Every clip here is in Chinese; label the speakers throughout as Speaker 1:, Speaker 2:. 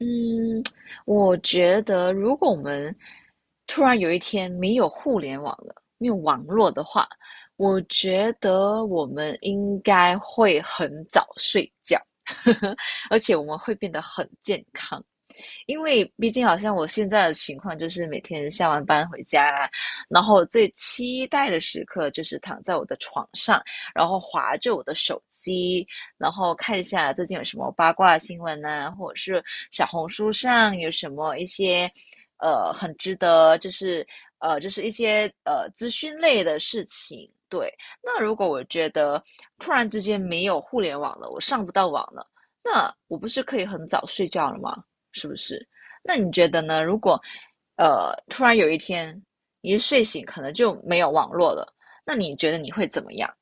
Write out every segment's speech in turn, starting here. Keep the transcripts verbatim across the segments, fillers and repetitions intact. Speaker 1: 嗯，我觉得如果我们突然有一天没有互联网了，没有网络的话，我觉得我们应该会很早睡觉，而且我们会变得很健康。因为毕竟好像我现在的情况就是每天下完班回家啊，然后最期待的时刻就是躺在我的床上，然后划着我的手机，然后看一下最近有什么八卦新闻呐、或者是小红书上有什么一些呃很值得就是呃就是一些呃资讯类的事情。对，那如果我觉得突然之间没有互联网了，我上不到网了，那我不是可以很早睡觉了吗？是不是？那你觉得呢？如果呃突然有一天你一睡醒，可能就没有网络了，那你觉得你会怎么样？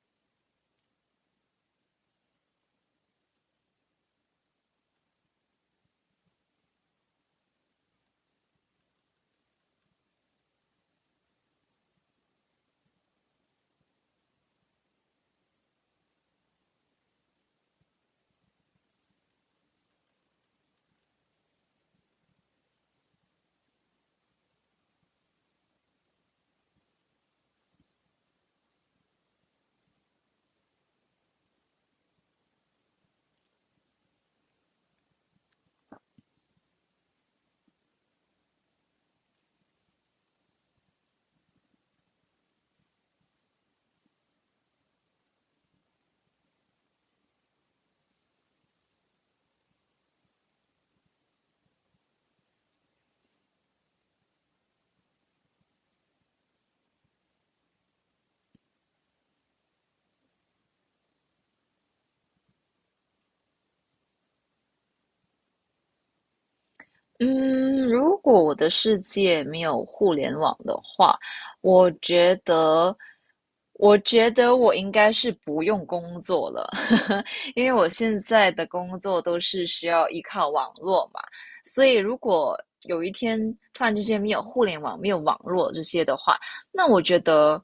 Speaker 1: 嗯，如果我的世界没有互联网的话，我觉得，我觉得我应该是不用工作了，因为我现在的工作都是需要依靠网络嘛，所以如果有一天突然之间没有互联网、没有网络这些的话，那我觉得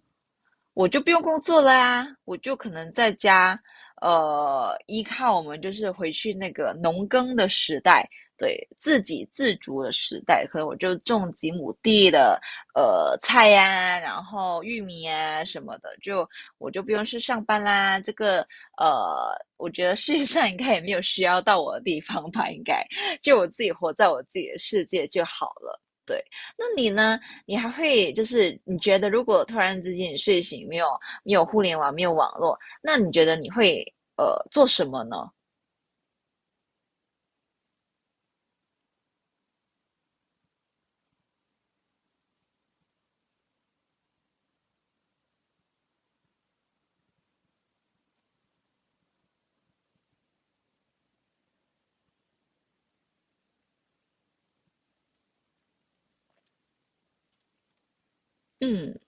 Speaker 1: 我就不用工作了呀，我就可能在家，呃，依靠我们就是回去那个农耕的时代。对自给自足的时代，可能我就种几亩地的呃菜呀、啊然后玉米呀、什么的，就我就不用去上班啦。这个呃，我觉得世界上应该也没有需要到我的地方吧，应该就我自己活在我自己的世界就好了。对，那你呢？你还会就是你觉得，如果突然之间你睡醒没有没有互联网，没有网络，那你觉得你会呃做什么呢？嗯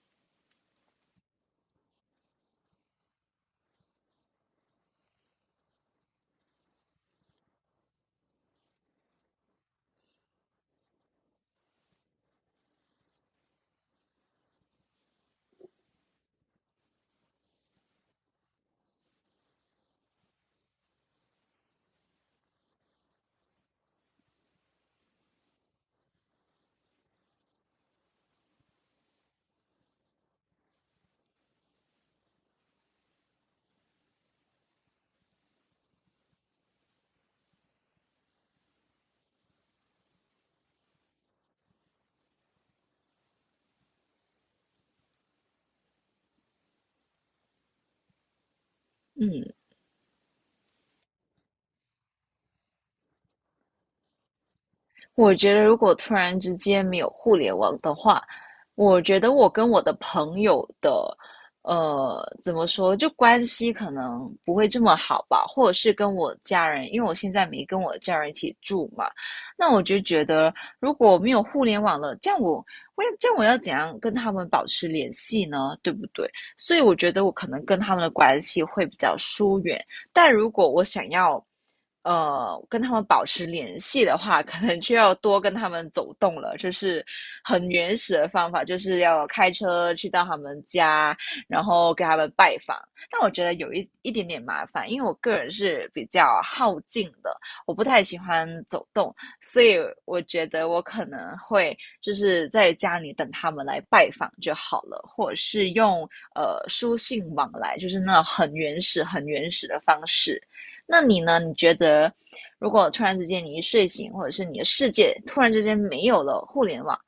Speaker 1: 嗯。我觉得如果突然之间没有互联网的话，我觉得我跟我的朋友的，呃，怎么说，就关系可能不会这么好吧，或者是跟我家人，因为我现在没跟我家人一起住嘛，那我就觉得如果没有互联网了，这样我我要这样我要怎样跟他们保持联系呢？对不对？所以我觉得我可能跟他们的关系会比较疏远，但如果我想要呃跟他们保持联系的话，可能就要多跟他们走动了。就是很原始的方法，就是要开车去到他们家，然后给他们拜访。但我觉得有一一点点麻烦，因为我个人是比较耗尽的，我不太喜欢走动，所以我觉得我可能会就是在家里等他们来拜访就好了，或者是用呃书信往来，就是那种很原始、很原始的方式。那你呢？你觉得如果突然之间你一睡醒，或者是你的世界突然之间没有了互联网，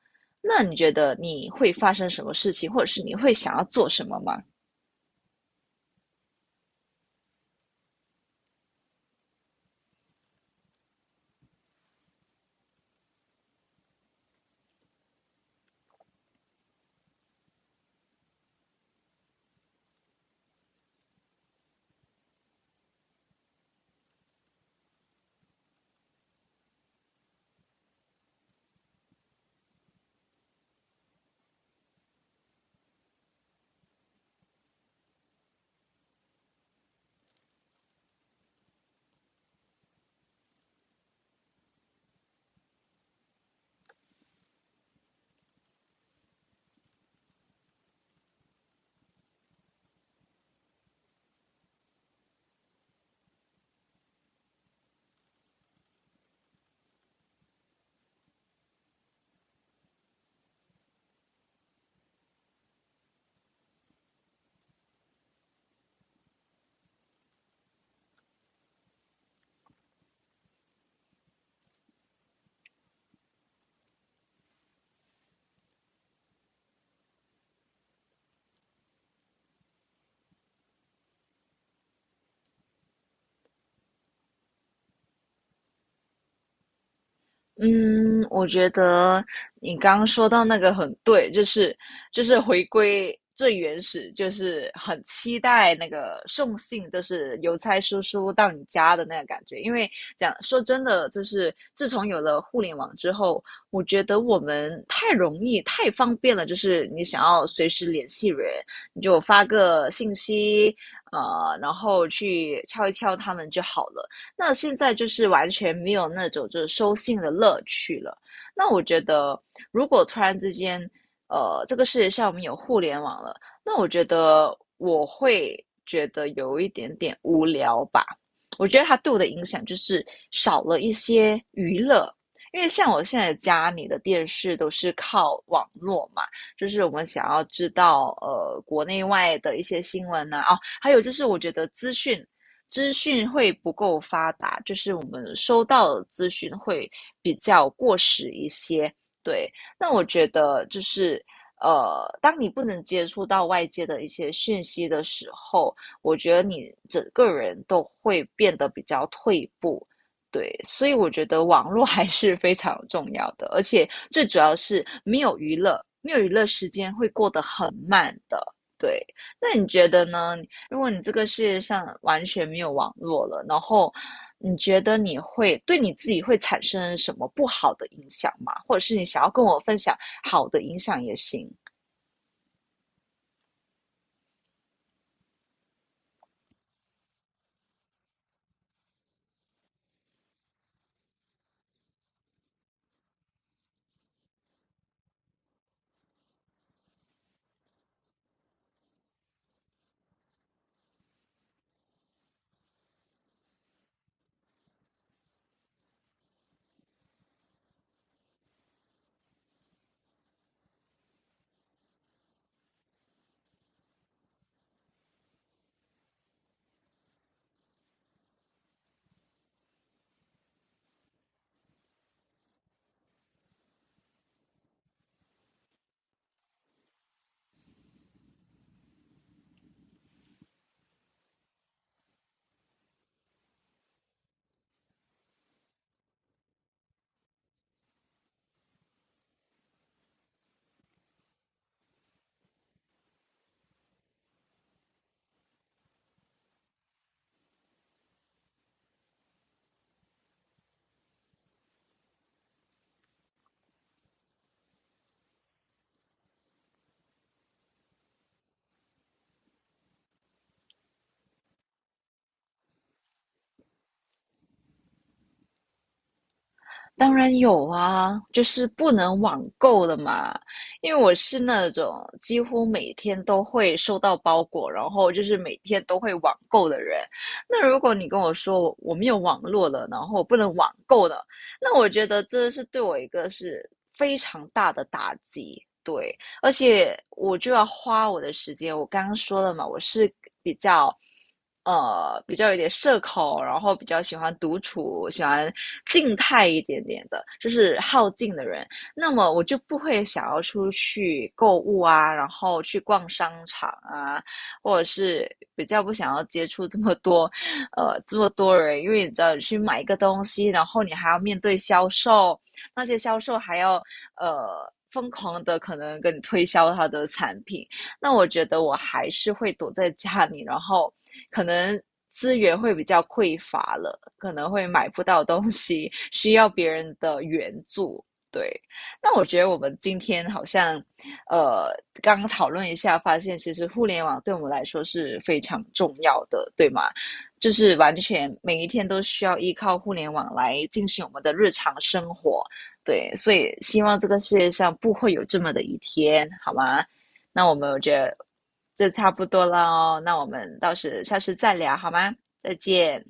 Speaker 1: 那你觉得你会发生什么事情，或者是你会想要做什么吗？嗯，我觉得你刚刚说到那个很对，就是就是回归最原始，就是很期待那个送信，就是邮差叔叔到你家的那个感觉。因为讲说真的，就是自从有了互联网之后，我觉得我们太容易、太方便了，就是你想要随时联系人，你就发个信息，呃，然后去敲一敲他们就好了。那现在就是完全没有那种就是收信的乐趣了。那我觉得，如果突然之间，呃，这个世界上我们有互联网了，那我觉得我会觉得有一点点无聊吧。我觉得它对我的影响就是少了一些娱乐，因为像我现在家里的电视都是靠网络嘛，就是我们想要知道呃国内外的一些新闻呐、啊哦，还有就是我觉得资讯资讯会不够发达，就是我们收到的资讯会比较过时一些。对，那我觉得就是呃，当你不能接触到外界的一些讯息的时候，我觉得你整个人都会变得比较退步。对，所以我觉得网络还是非常重要的，而且最主要是没有娱乐，没有娱乐时间会过得很慢的。对，那你觉得呢？如果你这个世界上完全没有网络了，然后你觉得你会对你自己会产生什么不好的影响吗？或者是你想要跟我分享好的影响也行。当然有啊，就是不能网购的嘛。因为我是那种几乎每天都会收到包裹，然后就是每天都会网购的人。那如果你跟我说我我没有网络了，然后我不能网购的，那我觉得这是对我一个是非常大的打击。对，而且我就要花我的时间。我刚刚说了嘛，我是比较呃比较有点社恐，然后比较喜欢独处，喜欢静态一点点的，就是好静的人。那么我就不会想要出去购物啊，然后去逛商场啊，或者是比较不想要接触这么多呃这么多人，因为你知道你去买一个东西，然后你还要面对销售。那些销售还要呃疯狂的可能跟你推销他的产品，那我觉得我还是会躲在家里，然后可能资源会比较匮乏了，可能会买不到东西，需要别人的援助。对，那我觉得我们今天好像，呃，刚刚讨论一下，发现其实互联网对我们来说是非常重要的，对吗？就是完全每一天都需要依靠互联网来进行我们的日常生活。对，所以希望这个世界上不会有这么的一天，好吗？那我们我觉得这差不多了哦，那我们到时下次再聊好吗？再见。